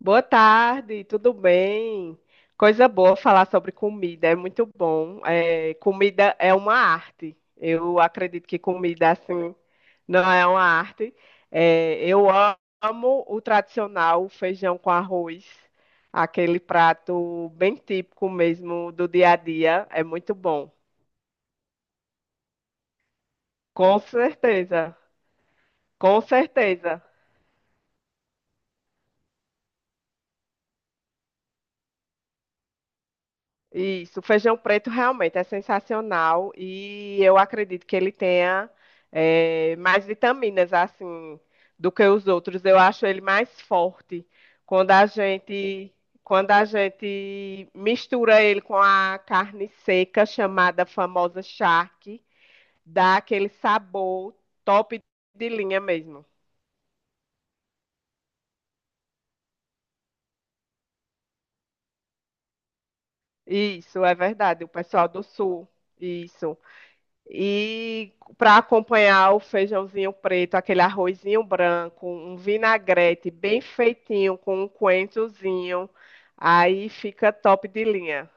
Boa tarde, tudo bem? Coisa boa falar sobre comida, é muito bom. É, comida é uma arte. Eu acredito que comida assim não é uma arte. É, eu amo o tradicional feijão com arroz, aquele prato bem típico mesmo do dia a dia. É muito bom. Com certeza, com certeza. Isso, o feijão preto realmente é sensacional e eu acredito que ele tenha mais vitaminas assim do que os outros. Eu acho ele mais forte quando a gente quando a gente mistura ele com a carne seca chamada famosa charque, dá aquele sabor top de linha mesmo. Isso, é verdade. O pessoal do sul, isso. E para acompanhar o feijãozinho preto, aquele arrozinho branco, um vinagrete bem feitinho com um coentrozinho, aí fica top de linha.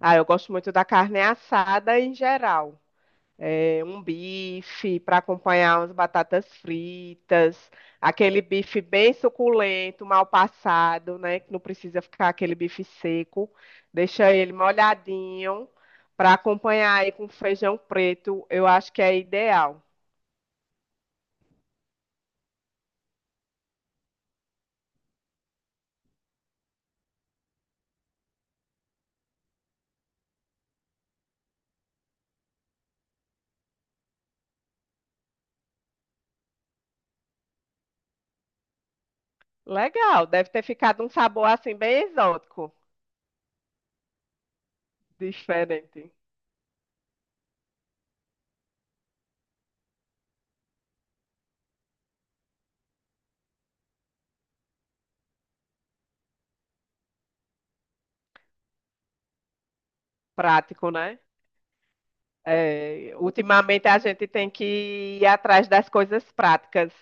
Ah, eu gosto muito da carne assada em geral. Um bife para acompanhar umas batatas fritas, aquele bife bem suculento, mal passado, né? Que não precisa ficar aquele bife seco. Deixa ele molhadinho para acompanhar aí com feijão preto, eu acho que é ideal. Legal, deve ter ficado um sabor assim bem exótico, diferente, prático, né? É, ultimamente a gente tem que ir atrás das coisas práticas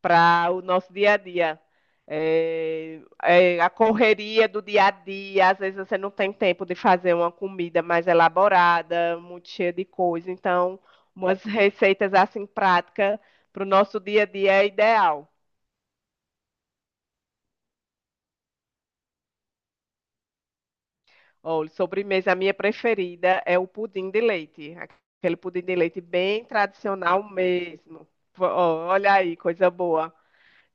para o nosso dia a dia. É, é, a correria do dia a dia, às vezes você não tem tempo de fazer uma comida mais elaborada, muito cheia de coisa. Então, umas receitas assim práticas para o nosso dia a dia é ideal. Olha, sobremesa, a minha preferida é o pudim de leite, aquele pudim de leite bem tradicional mesmo. Ó, olha aí, coisa boa.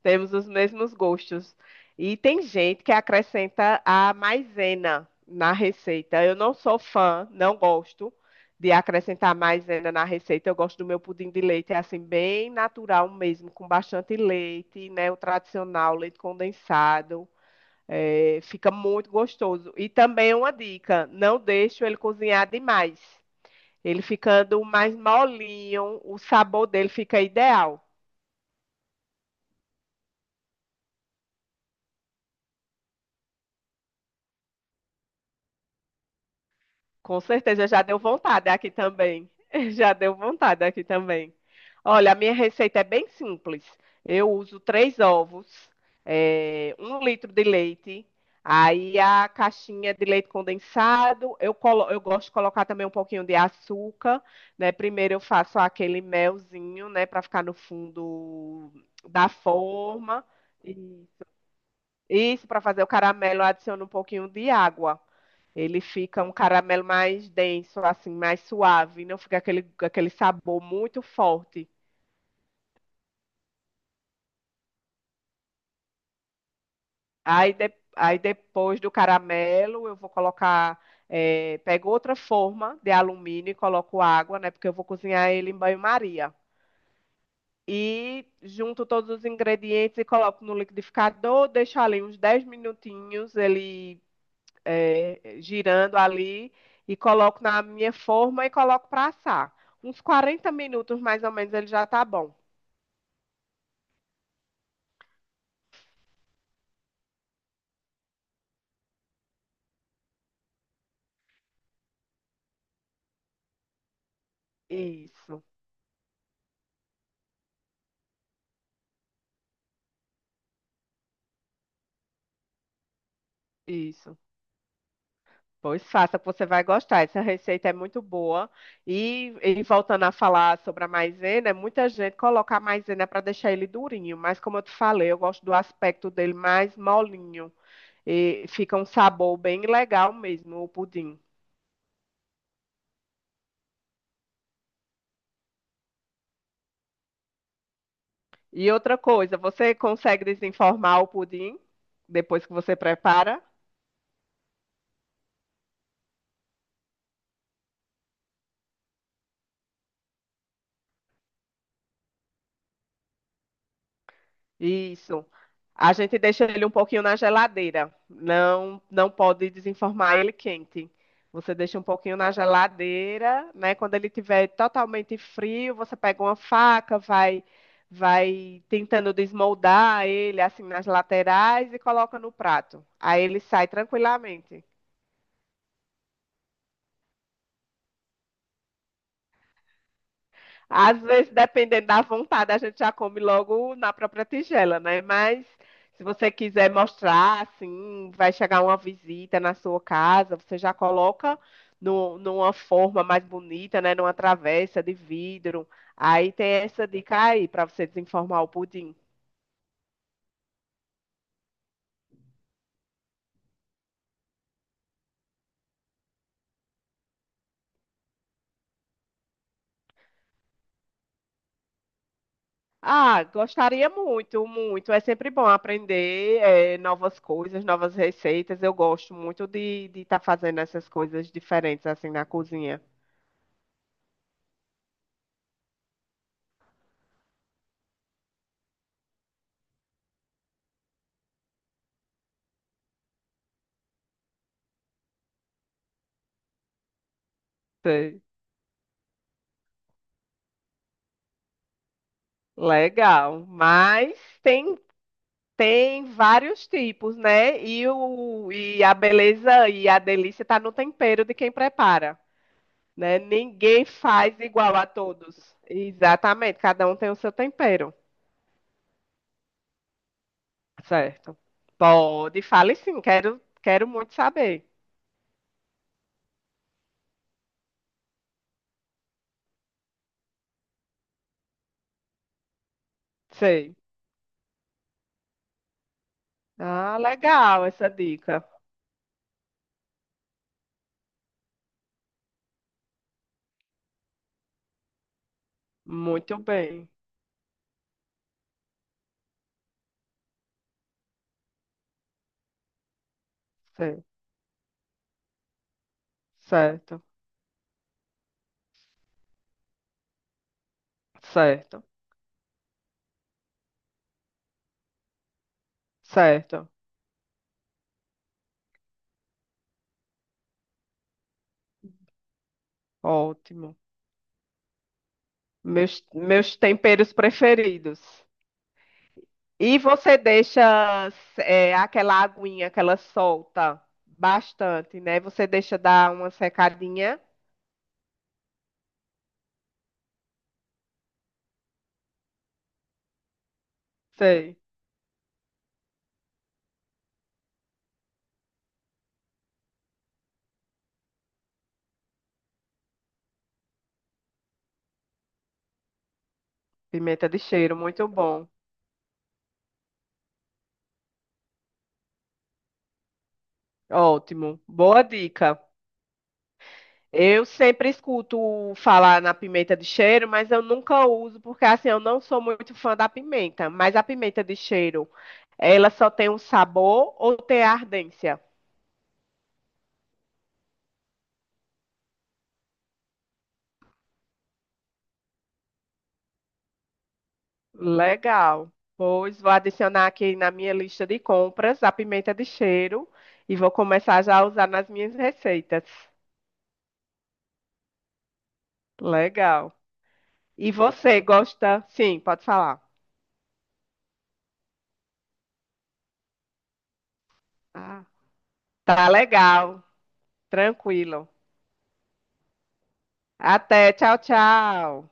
Temos os mesmos gostos. E tem gente que acrescenta a maisena na receita. Eu não sou fã, não gosto de acrescentar maisena na receita. Eu gosto do meu pudim de leite, é assim, bem natural mesmo, com bastante leite, né? O tradicional, leite condensado. É, fica muito gostoso. E também uma dica: não deixo ele cozinhar demais. Ele ficando mais molinho, o sabor dele fica ideal. Com certeza, já deu vontade aqui também. Já deu vontade aqui também. Olha, a minha receita é bem simples. Eu uso três ovos, 1 litro de leite, aí a caixinha de leite condensado. Eu gosto de colocar também um pouquinho de açúcar, né? Primeiro eu faço aquele melzinho, né, para ficar no fundo da forma. E- Isso, para fazer o caramelo, eu adiciono um pouquinho de água. Ele fica um caramelo mais denso, assim, mais suave, não fica aquele sabor muito forte. Aí depois do caramelo, eu vou colocar, pego outra forma de alumínio e coloco água, né? Porque eu vou cozinhar ele em banho-maria. E junto todos os ingredientes e coloco no liquidificador, deixo ali uns 10 minutinhos, ele é, girando ali e coloco na minha forma e coloco para assar. Uns 40 minutos mais ou menos ele já tá bom. Isso, isso. Pois faça, que você vai gostar. Essa receita é muito boa. E voltando a falar sobre a maisena, é muita gente coloca a maisena para deixar ele durinho, mas como eu te falei, eu gosto do aspecto dele mais molinho. E fica um sabor bem legal mesmo, o pudim. E outra coisa, você consegue desenformar o pudim depois que você prepara? Isso. A gente deixa ele um pouquinho na geladeira. Não, não pode desenformar ele quente. Você deixa um pouquinho na geladeira, né? Quando ele estiver totalmente frio, você pega uma faca, vai, vai tentando desmoldar ele assim nas laterais e coloca no prato. Aí ele sai tranquilamente. Às vezes, dependendo da vontade, a gente já come logo na própria tigela, né? Mas se você quiser mostrar, assim, vai chegar uma visita na sua casa, você já coloca numa forma mais bonita, né? Numa travessa de vidro. Aí tem essa dica aí para você desenformar o pudim. Ah, gostaria muito, muito. É sempre bom aprender, novas coisas, novas receitas. Eu gosto muito de tá fazendo essas coisas diferentes assim na cozinha. Legal, mas tem tem vários tipos, né? E o e a beleza e a delícia tá no tempero de quem prepara, né? Ninguém faz igual a todos. Exatamente, cada um tem o seu tempero, certo? Pode, fale sim, quero muito saber. Sei. Ah, legal essa dica. Muito bem. Sei. Certo, certo, certo. Ótimo. Meus, meus temperos preferidos. E você deixa é, aquela aguinha que ela solta bastante, né? Você deixa dar uma secadinha. Sei. Pimenta de cheiro, muito bom. Ótimo. Boa dica. Eu sempre escuto falar na pimenta de cheiro, mas eu nunca uso, porque assim, eu não sou muito fã da pimenta. Mas a pimenta de cheiro, ela só tem um sabor ou tem ardência? Legal. Pois vou adicionar aqui na minha lista de compras a pimenta de cheiro e vou começar já a usar nas minhas receitas. Legal. E você gosta? Sim, pode falar. Ah, tá legal. Tranquilo. Até. Tchau, tchau.